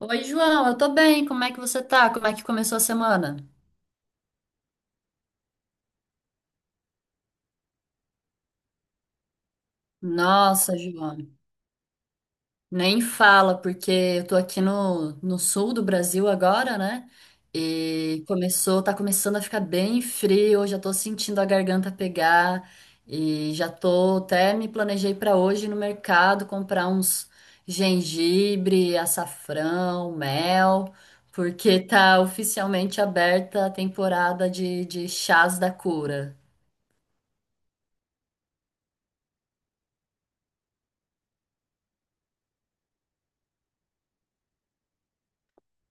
Oi, João, eu tô bem. Como é que você tá? Como é que começou a semana? Nossa, João, nem fala, porque eu tô aqui no sul do Brasil agora, né? E começou, tá começando a ficar bem frio, eu já tô sentindo a garganta pegar e já tô até me planejei pra hoje ir no mercado comprar uns gengibre, açafrão, mel, porque tá oficialmente aberta a temporada de chás da cura.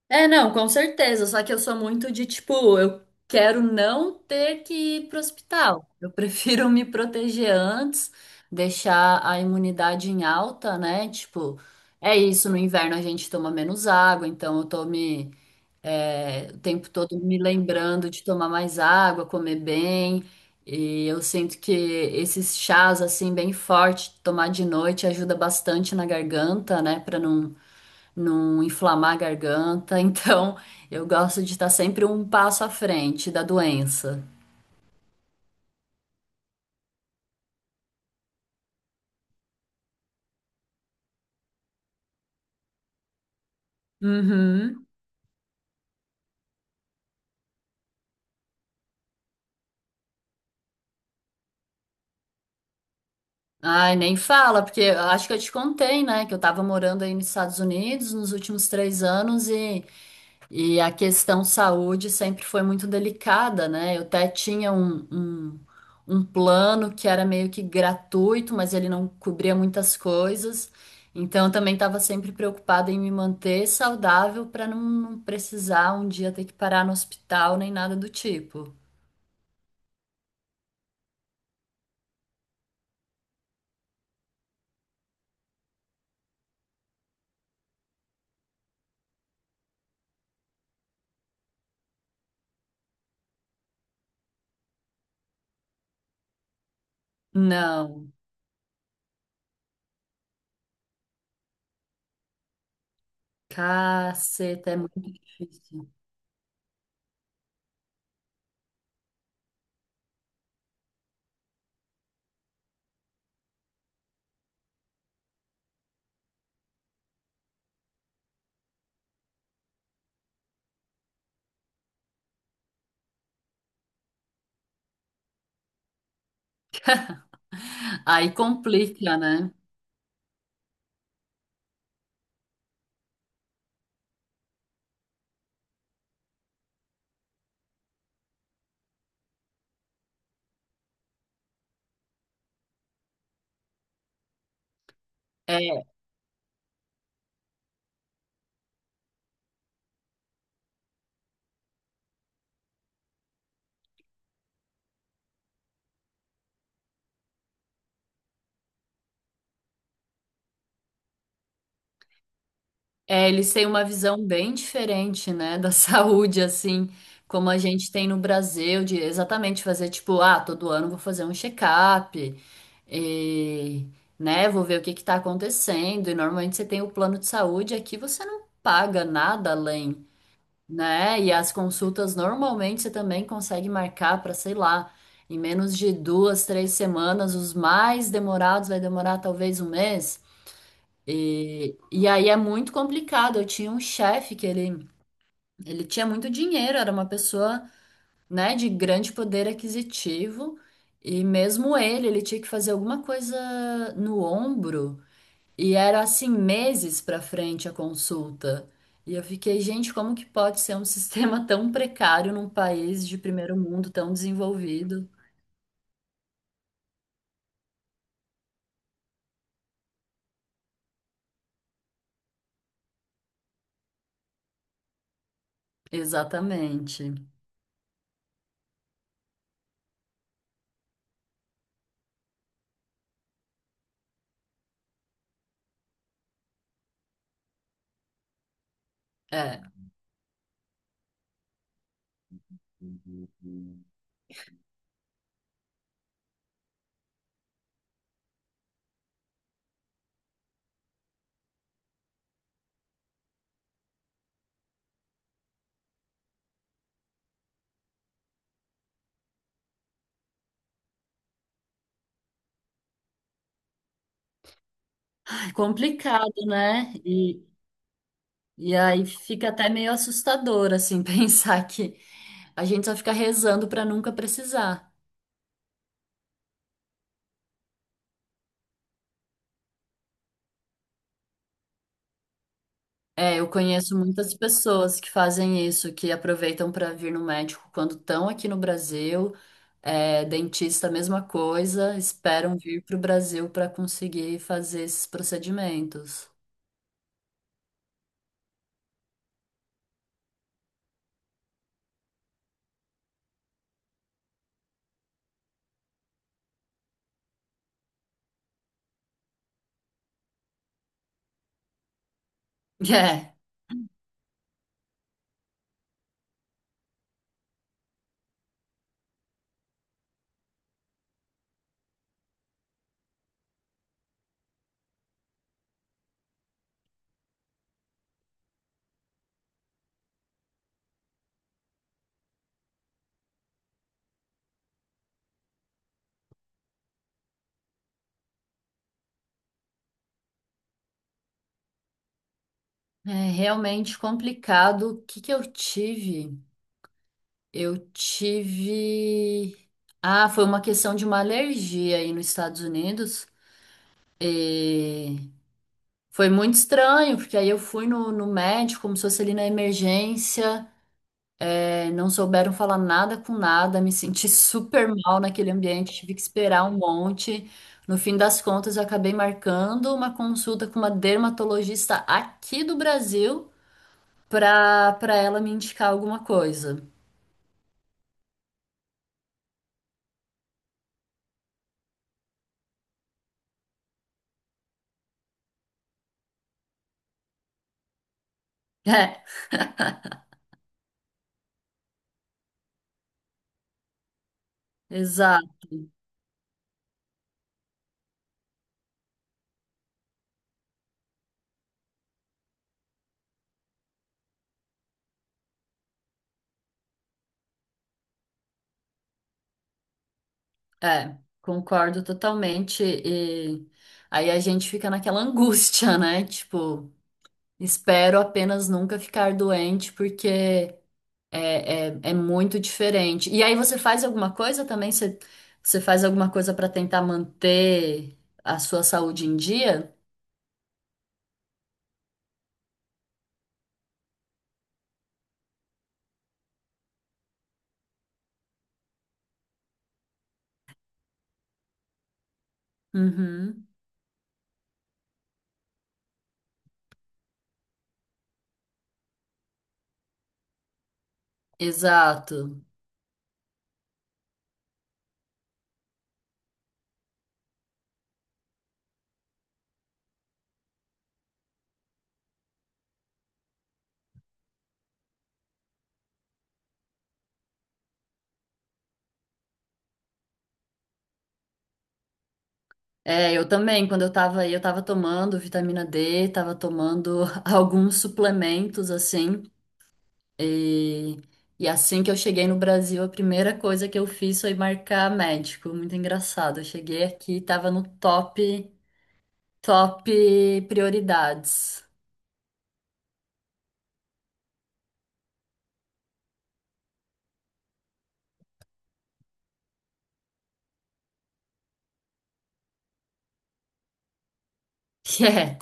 É, não, com certeza. Só que eu sou muito de tipo, eu quero não ter que ir pro hospital. Eu prefiro me proteger antes, deixar a imunidade em alta, né? Tipo, é isso. No inverno a gente toma menos água, então eu tô me, é, o tempo todo me lembrando de tomar mais água, comer bem. E eu sinto que esses chás assim bem forte, tomar de noite ajuda bastante na garganta, né? Pra não inflamar a garganta. Então, eu gosto de estar sempre um passo à frente da doença. Uhum. Ai, nem fala, porque eu acho que eu te contei, né, que eu tava morando aí nos Estados Unidos nos últimos 3 anos e a questão saúde sempre foi muito delicada, né? Eu até tinha um plano que era meio que gratuito, mas ele não cobria muitas coisas. Então, eu também estava sempre preocupada em me manter saudável para não precisar um dia ter que parar no hospital nem nada do tipo. Não, caceta, é muito difícil. Aí complica, né? É. É, eles têm uma visão bem diferente, né, da saúde, assim, como a gente tem no Brasil, de exatamente fazer tipo, ah, todo ano vou fazer um check-up, e, né, vou ver o que que tá acontecendo. E normalmente você tem o plano de saúde, aqui você não paga nada além, né? E as consultas normalmente você também consegue marcar para, sei lá, em menos de duas, três semanas, os mais demorados vai demorar talvez um mês. E aí é muito complicado. Eu tinha um chefe que ele tinha muito dinheiro, era uma pessoa, né, de grande poder aquisitivo, e mesmo ele, ele tinha que fazer alguma coisa no ombro, e era assim meses para frente a consulta. E eu fiquei, gente, como que pode ser um sistema tão precário num país de primeiro mundo tão desenvolvido? Exatamente. É complicado, né? E, e aí fica até meio assustador, assim, pensar que a gente só fica rezando para nunca precisar. É, eu conheço muitas pessoas que fazem isso, que aproveitam para vir no médico quando estão aqui no Brasil, é, dentista, mesma coisa, esperam vir para o Brasil para conseguir fazer esses procedimentos. É, é realmente complicado. O que que eu tive? Eu tive. Ah, foi uma questão de uma alergia aí nos Estados Unidos. E foi muito estranho, porque aí eu fui no médico, como se fosse ali na emergência, é, não souberam falar nada com nada, me senti super mal naquele ambiente, tive que esperar um monte. No fim das contas, eu acabei marcando uma consulta com uma dermatologista aqui do Brasil para ela me indicar alguma coisa. É, exato, é, concordo totalmente. E aí a gente fica naquela angústia, né? Tipo. Espero apenas nunca ficar doente, porque é, é, é muito diferente. E aí você faz alguma coisa também? Você, você faz alguma coisa para tentar manter a sua saúde em dia? Uhum, exato. É, eu também, quando eu tava aí, eu tava tomando vitamina D, tava tomando alguns suplementos, assim, e, e assim que eu cheguei no Brasil, a primeira coisa que eu fiz foi marcar médico, muito engraçado, eu cheguei aqui, tava no top. Top prioridades. É.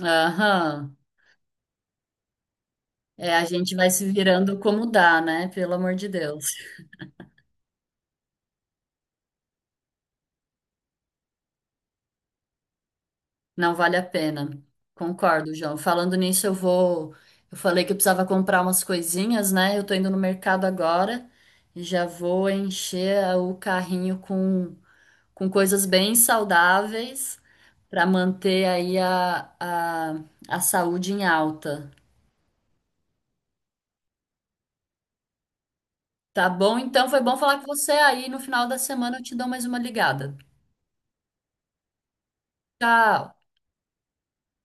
Aham. É, a gente vai se virando como dá, né? Pelo amor de Deus. Não vale a pena. Concordo, João. Falando nisso, eu vou. Eu falei que eu precisava comprar umas coisinhas, né? Eu tô indo no mercado agora e já vou encher a- o carrinho com coisas bem saudáveis para manter aí a saúde em alta. Tá bom? Então foi bom falar com você aí. No final da semana eu te dou mais uma ligada. Tchau.